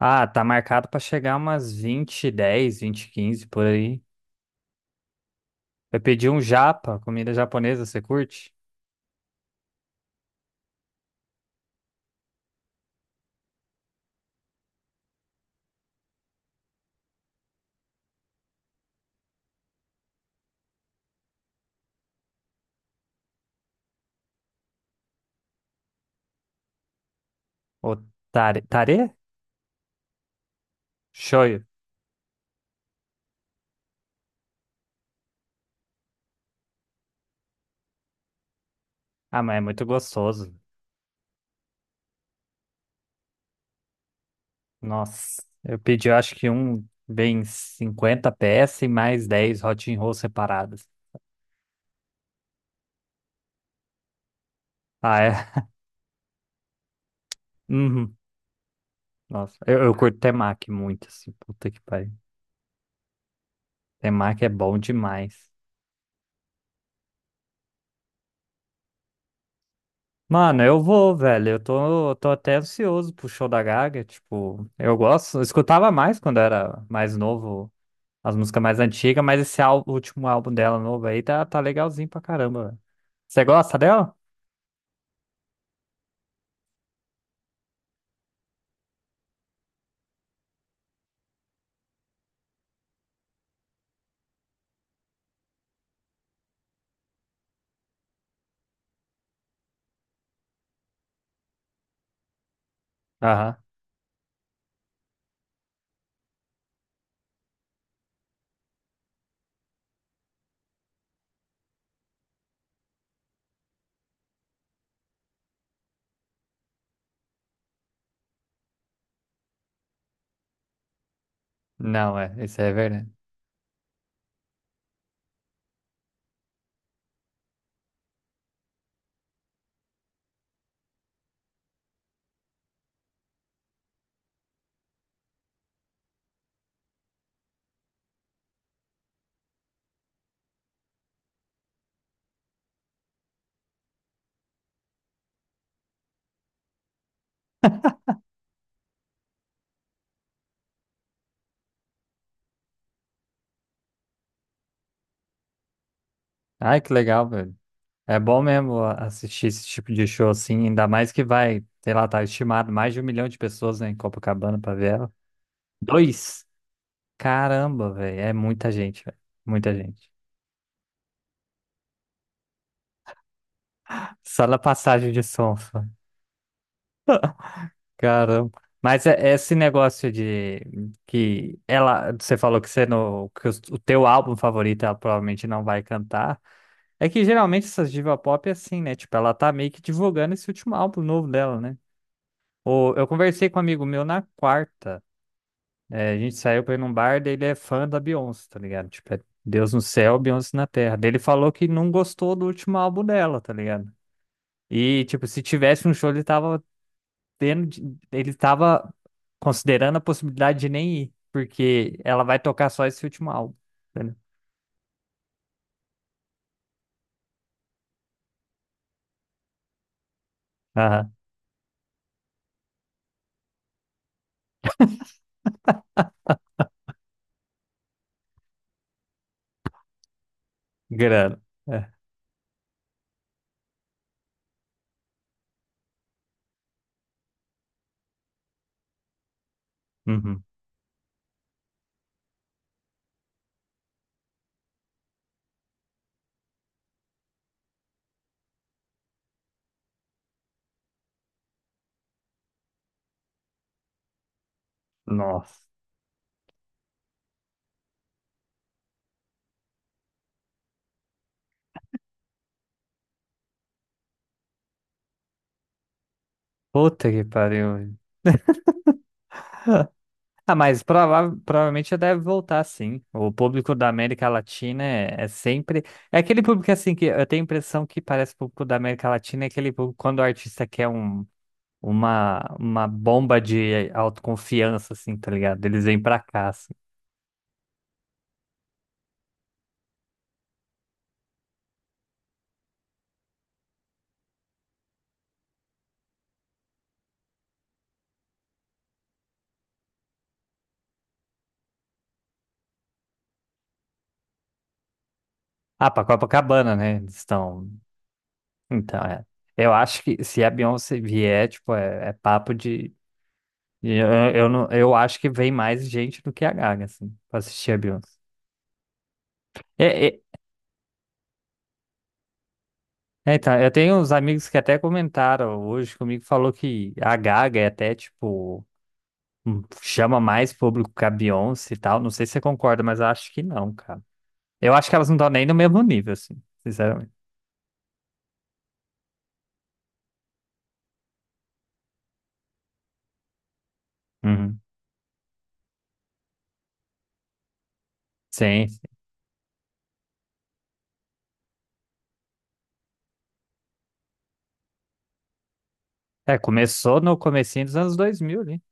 Ah, tá marcado pra chegar umas 20, 10, 20, 15 por aí. Eu pedi um japa, comida japonesa, você curte? O tare, tare? Shoyu. Ah, mas é muito gostoso. Nossa, eu pedi, eu acho que um bem 50 peças e mais 10 hot roll separadas. Ah, é? Uhum. Nossa, eu curto temaki muito, assim, puta que pariu. Temaki é bom demais. Mano, eu vou, velho. Eu tô até ansioso pro show da Gaga. Tipo, eu gosto. Eu escutava mais quando era mais novo, as músicas mais antigas, mas esse álbum, último álbum dela novo aí tá legalzinho pra caramba, velho. Você gosta dela? Aham. Não, é. Isso é verdade. Ai, que legal, velho. É bom mesmo assistir esse tipo de show assim, ainda mais que vai, sei lá, tá estimado mais de um milhão de pessoas, né, em Copacabana pra ver ela. Dois? Caramba, velho. É muita gente, velho. Muita gente. Só na passagem de som, só. Caramba. Mas é esse negócio de que ela, você falou que você no, que o teu álbum favorito ela provavelmente não vai cantar. É que geralmente essas diva pop é assim, né? Tipo, ela tá meio que divulgando esse último álbum novo dela, né? Ou eu conversei com um amigo meu na quarta. É, a gente saiu pra ir num bar, daí ele é fã da Beyoncé, tá ligado? Tipo, é Deus no céu, Beyoncé na terra. Daí ele falou que não gostou do último álbum dela, tá ligado? E, tipo, se tivesse um show, ele tava tendo, ele estava considerando a possibilidade de nem ir, porque ela vai tocar só esse último álbum. Entendeu? Aham, grana. É. Uhum. Nossa. Puta que pariu, velho. Ah, mas provavelmente já deve voltar, sim. O público da América Latina é sempre. É aquele público assim que eu tenho a impressão que parece público da América Latina, é aquele público quando o artista quer um, uma bomba de autoconfiança, assim, tá ligado? Eles vêm pra cá, assim. Ah, pra Copacabana, né? Eles estão. Então, é. Eu acho que se a Beyoncé vier, tipo, é papo de. Eu, não, eu acho que vem mais gente do que a Gaga, assim, pra assistir a Beyoncé. É, é, então, eu tenho uns amigos que até comentaram hoje comigo, falou que a Gaga é até, tipo, chama mais público que a Beyoncé e tal. Não sei se você concorda, mas eu acho que não, cara. Eu acho que elas não estão nem no mesmo nível, assim, sinceramente. Uhum. Sim. É, começou no comecinho dos anos 2000 ali,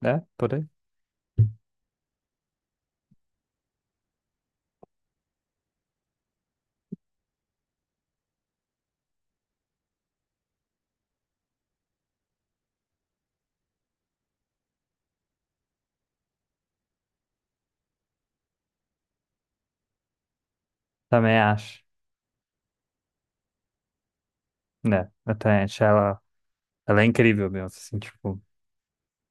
né? Por aí. Também acho. Né? Eu também acho ela é incrível mesmo, assim, tipo,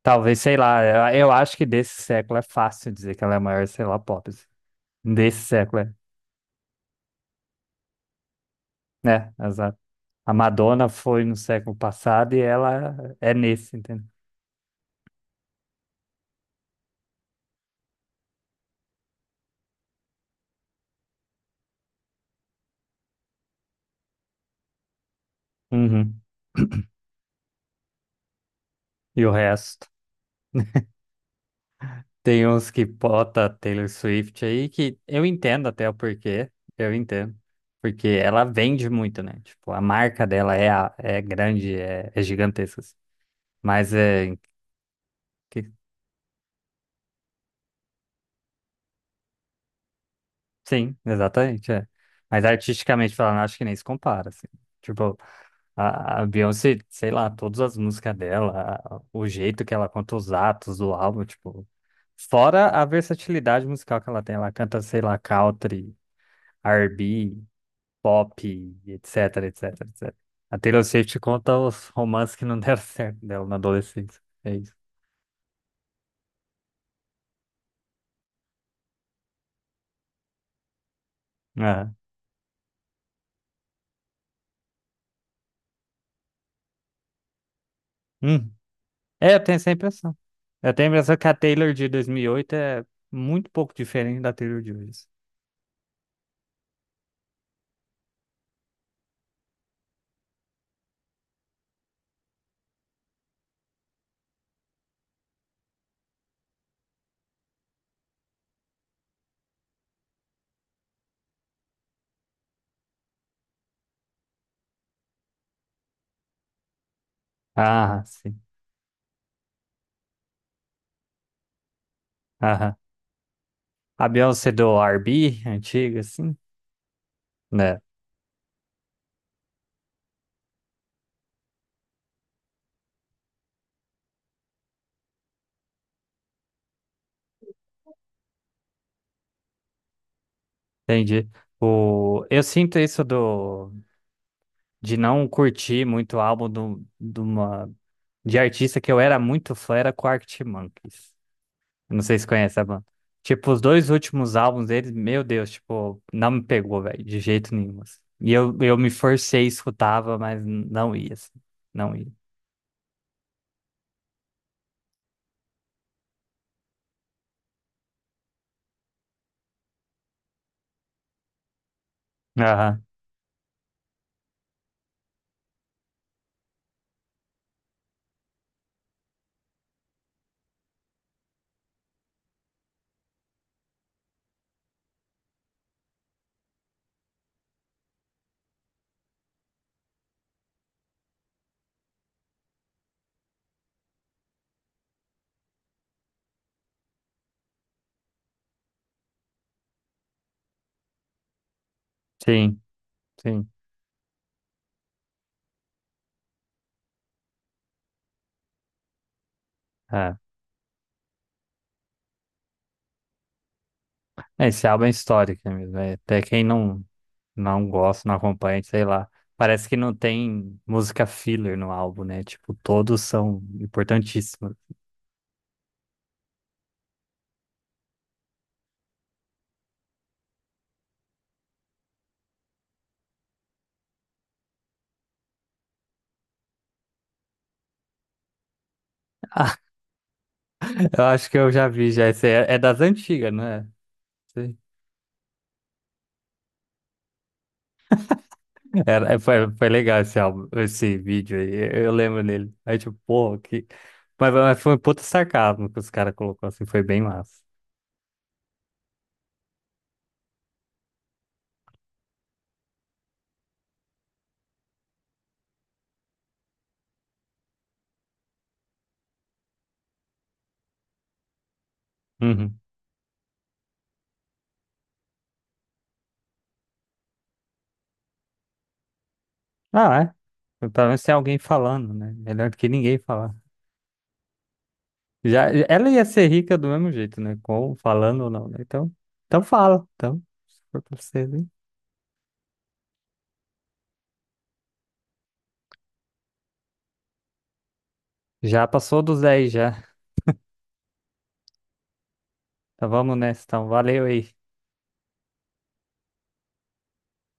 talvez, sei lá, eu, acho que desse século é fácil dizer que ela é a maior, sei lá, pop, assim. Desse século é, né? Exato. A Madonna foi no século passado e ela é nesse, entendeu? Uhum. E o resto. Tem uns que bota Taylor Swift aí que eu entendo até o porquê, eu entendo. Porque ela vende muito, né? Tipo, a marca dela é, é grande, é gigantesca, assim. Mas é, sim, exatamente, é. Mas artisticamente falando, acho que nem se compara, assim. Tipo, a Beyoncé, sei lá, todas as músicas dela, o jeito que ela conta os atos do álbum, tipo, fora a versatilidade musical que ela tem, ela canta, sei lá, country, R&B, pop, etc, etc, etc. A Taylor Swift conta os romances que não deram certo dela na adolescência. É isso. Aham. Hum. É, eu tenho essa impressão. Eu tenho a impressão que a Taylor de 2008 é muito pouco diferente da Taylor de hoje. Ah, sim. Aham. A Beyoncé do R&B, antiga, assim. Né, entendi. Eu sinto isso de não curtir muito o álbum de artista que eu era muito fã, era com Arctic Monkeys. Eu não sei se conhece a banda. Tipo, os dois últimos álbuns deles, meu Deus, tipo, não me pegou, velho, de jeito nenhum, assim. E eu, me forcei, escutava, mas não ia, assim, não ia. Aham, sim, sim. É. É, esse álbum é histórico, né, mesmo, é. Até quem não, não gosta, não acompanha, sei lá. Parece que não tem música filler no álbum, né? Tipo, todos são importantíssimos. Eu acho que eu já vi, já. Esse é das antigas, não é? Foi legal esse álbum, esse vídeo aí, eu lembro dele. Aí tipo, pô, que... Mas foi um puta sarcasmo que os caras colocou assim, foi bem massa. Uhum. Ah, é. Então, pelo menos tem alguém falando, né? Melhor do que ninguém falar. Já, ela ia ser rica do mesmo jeito, né? Com, falando ou não, né? Então, fala. Então, se for pra você, hein? Já passou dos 10 já. Então vamos nessa, então. Valeu aí.